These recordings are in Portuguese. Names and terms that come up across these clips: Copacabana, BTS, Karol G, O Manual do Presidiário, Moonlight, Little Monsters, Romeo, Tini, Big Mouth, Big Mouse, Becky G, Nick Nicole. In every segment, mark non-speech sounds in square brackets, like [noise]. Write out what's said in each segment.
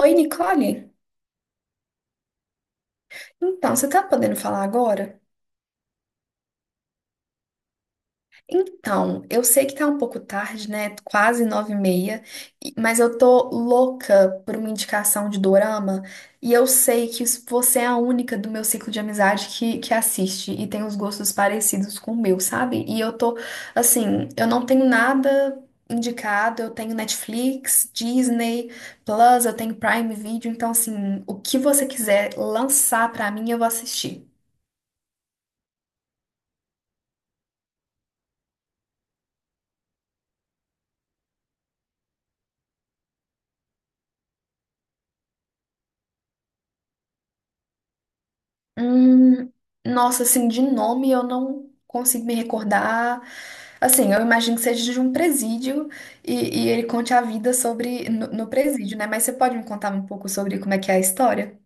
Oi, Nicole. Então, você tá podendo falar agora? Então, eu sei que tá um pouco tarde, né? Quase 9h30, mas eu tô louca por uma indicação de dorama e eu sei que você é a única do meu ciclo de amizade que assiste e tem os gostos parecidos com o meu, sabe? E assim, eu não tenho nada indicado. Eu tenho Netflix, Disney, Plus, eu tenho Prime Video, então, assim, o que você quiser lançar pra mim, eu vou assistir. Hum, nossa, assim, de nome eu não consigo me recordar. Assim, eu imagino que seja de um presídio e ele conte a vida sobre no presídio, né? Mas você pode me contar um pouco sobre como é que é a história?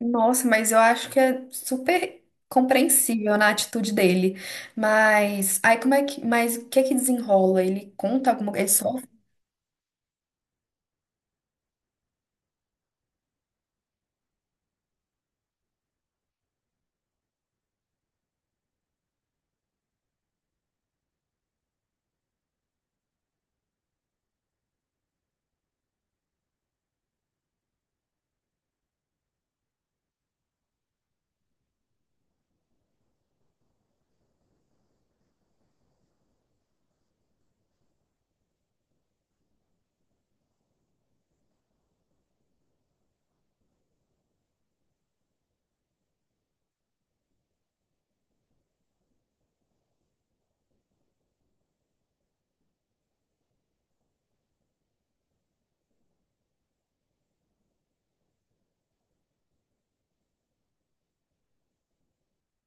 Nossa, mas eu acho que é super compreensível na atitude dele. Mas aí mas o que é que desenrola? Ele conta alguma, ele só...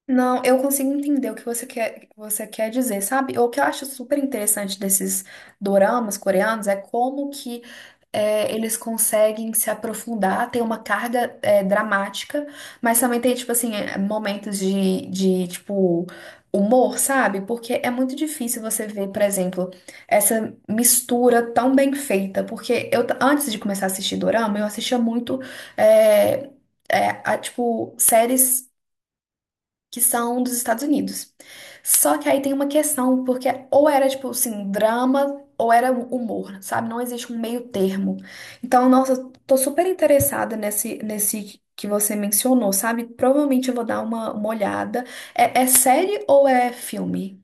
Não, eu consigo entender o que você quer dizer, sabe? O que eu acho super interessante desses doramas coreanos é como que eles conseguem se aprofundar, tem uma carga dramática, mas também tem, tipo assim, momentos tipo, humor, sabe? Porque é muito difícil você ver, por exemplo, essa mistura tão bem feita, porque antes de começar a assistir dorama, eu assistia muito, é, tipo, séries que são dos Estados Unidos. Só que aí tem uma questão, porque ou era tipo assim, drama ou era humor, sabe? Não existe um meio termo. Então, nossa, tô super interessada nesse que você mencionou, sabe? Provavelmente eu vou dar uma olhada. É série ou é filme?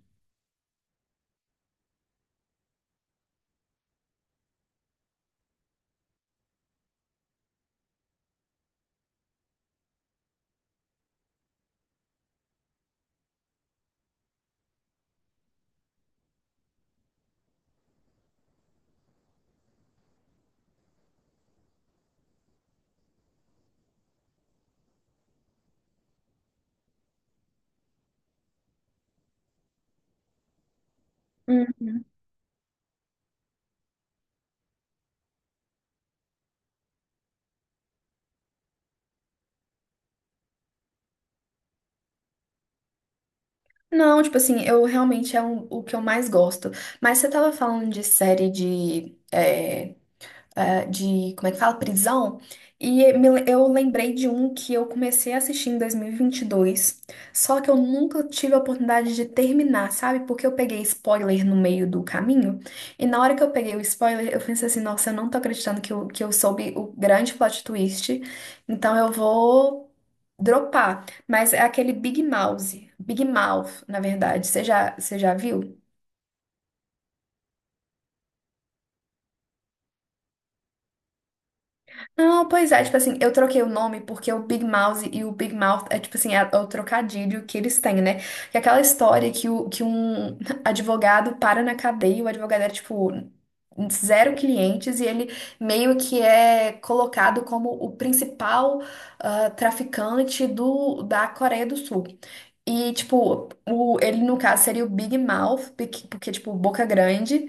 Hum. Não, tipo assim, eu realmente o que eu mais gosto. Mas você tava falando de série de, como é que fala? Prisão. E eu lembrei de um que eu comecei a assistir em 2022, só que eu nunca tive a oportunidade de terminar, sabe? Porque eu peguei spoiler no meio do caminho, e na hora que eu peguei o spoiler, eu pensei assim, nossa, eu não tô acreditando que eu soube o grande plot twist, então eu vou dropar. Mas é aquele Big Mouse, Big Mouth, na verdade. Você já viu? Não, pois é, tipo assim, eu troquei o nome porque o Big Mouse e o Big Mouth é tipo assim, é o trocadilho que eles têm, né? Que é aquela história que um [laughs] advogado para na cadeia, e o advogado era tipo zero clientes e ele meio que é colocado como o principal ah, traficante da Coreia do Sul. E, tipo, o, ele no caso seria o Big Mouth, porque, tipo, boca grande.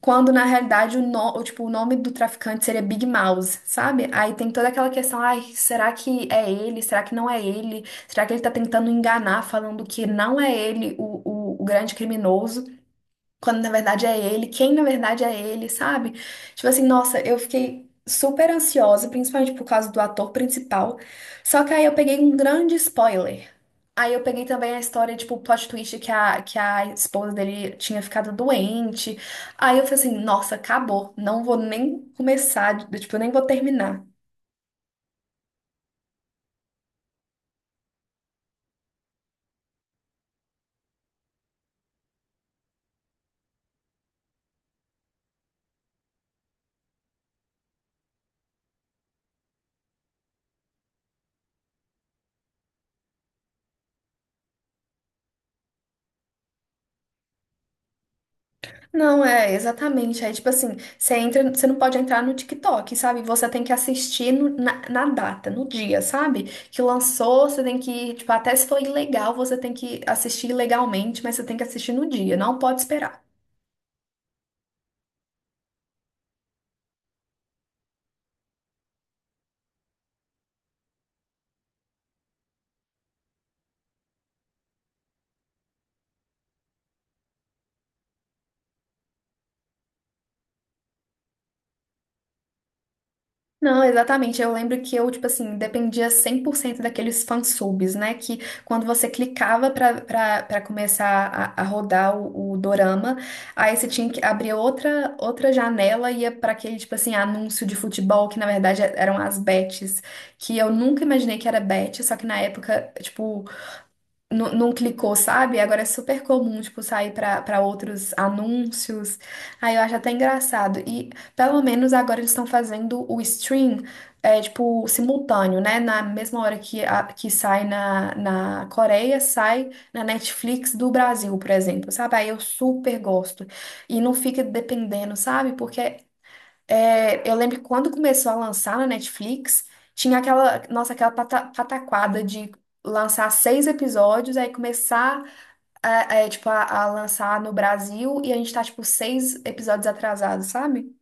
Quando na realidade o, no- o, tipo, o nome do traficante seria Big Mouse, sabe? Aí tem toda aquela questão, ai, será que é ele? Será que não é ele? Será que ele tá tentando enganar, falando que não é ele o grande criminoso? Quando na verdade é ele, quem na verdade é ele, sabe? Tipo assim, nossa, eu fiquei super ansiosa, principalmente por causa do ator principal. Só que aí eu peguei um grande spoiler. Aí eu peguei também a história, tipo, o plot twist que a esposa dele tinha ficado doente. Aí eu falei assim, nossa, acabou. Não vou nem começar, tipo, eu nem vou terminar. Não, é, exatamente. Aí, tipo assim, você entra, você não pode entrar no TikTok, sabe? Você tem que assistir na data, no dia, sabe? Que lançou, você tem que, tipo, até se for ilegal, você tem que assistir ilegalmente, mas você tem que assistir no dia, não pode esperar. Não, exatamente. Eu lembro que eu, tipo assim, dependia 100% daqueles fansubs, né? Que quando você clicava pra começar a rodar o dorama, aí você tinha que abrir outra janela e ia pra aquele, tipo assim, anúncio de futebol, que na verdade eram as bets, que eu nunca imaginei que era bet, só que na época, tipo, não clicou, sabe? Agora é super comum, tipo, sair para outros anúncios. Aí eu acho até engraçado. E pelo menos agora eles estão fazendo o stream, é, tipo, simultâneo, né? Na mesma hora que, que sai na Coreia, sai na Netflix do Brasil, por exemplo, sabe? Aí eu super gosto. E não fica dependendo, sabe? Porque eu lembro que quando começou a lançar na Netflix, tinha aquela, nossa, aquela pataquada de lançar seis episódios, aí começar a lançar no Brasil e a gente tá, tipo, 6 episódios atrasados, sabe?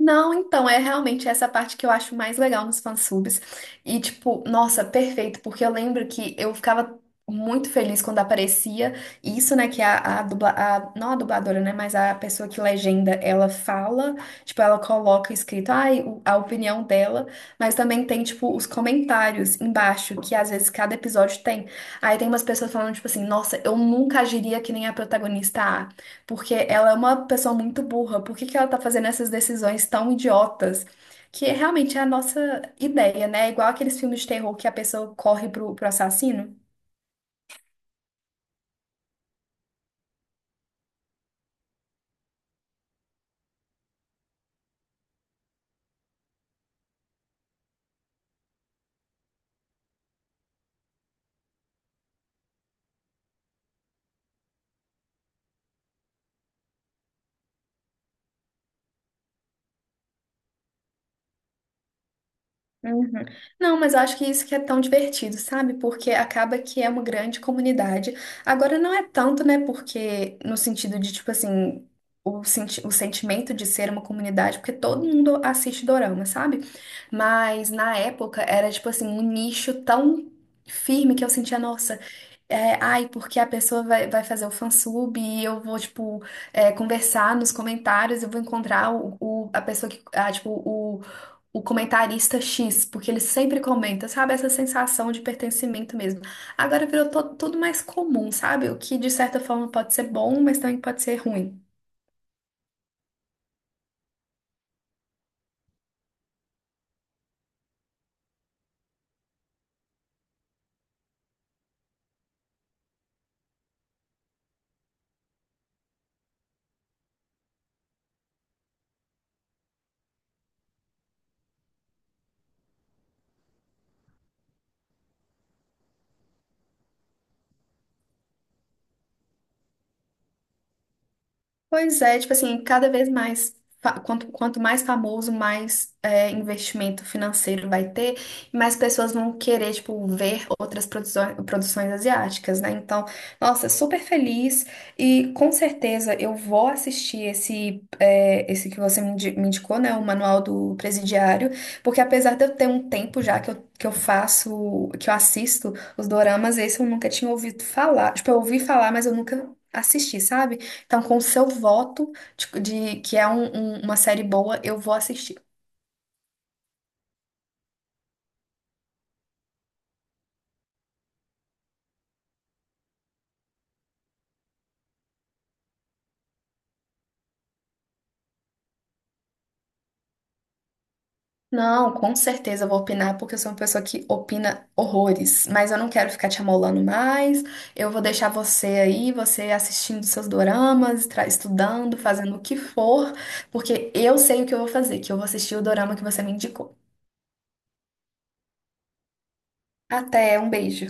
Não, então, é realmente essa parte que eu acho mais legal nos fansubs. E, tipo, nossa, perfeito, porque eu lembro que eu ficava muito feliz quando aparecia isso, né, que não a dubladora, né, mas a pessoa que legenda, ela fala, tipo, ela coloca escrito, ai, a opinião dela, mas também tem, tipo, os comentários embaixo, que às vezes cada episódio tem. Aí tem umas pessoas falando, tipo assim, nossa, eu nunca agiria que nem a protagonista A, porque ela é uma pessoa muito burra. Por que que ela tá fazendo essas decisões tão idiotas? Que é realmente é a nossa ideia, né? É igual aqueles filmes de terror que a pessoa corre pro assassino. Uhum. Não, mas eu acho que isso que é tão divertido, sabe? Porque acaba que é uma grande comunidade. Agora não é tanto, né? Porque no sentido de, tipo assim, senti o sentimento de ser uma comunidade, porque todo mundo assiste dorama, sabe? Mas na época era, tipo assim, um nicho tão firme que eu sentia, nossa, ai, porque a pessoa vai fazer o fansub e eu vou, tipo, conversar nos comentários, eu vou encontrar a pessoa que, ah, tipo, o comentarista X, porque ele sempre comenta, sabe? Essa sensação de pertencimento mesmo. Agora virou tudo mais comum, sabe? O que de certa forma pode ser bom, mas também pode ser ruim. Pois é, tipo assim, cada vez mais, quanto mais famoso, mais investimento financeiro vai ter, e mais pessoas vão querer, tipo, ver outras produções, produções asiáticas, né? Então, nossa, super feliz e com certeza eu vou assistir esse que você me indicou, né? O Manual do Presidiário, porque apesar de eu ter um tempo já que que eu assisto os doramas, esse eu nunca tinha ouvido falar. Tipo, eu ouvi falar, mas eu nunca assisti, sabe? Então, com o seu voto de, de que é uma série boa, eu vou assistir. Não, com certeza eu vou opinar, porque eu sou uma pessoa que opina horrores. Mas eu não quero ficar te amolando mais. Eu vou deixar você aí, você assistindo seus doramas, estudando, fazendo o que for, porque eu sei o que eu vou fazer, que eu vou assistir o dorama que você me indicou. Até, um beijo.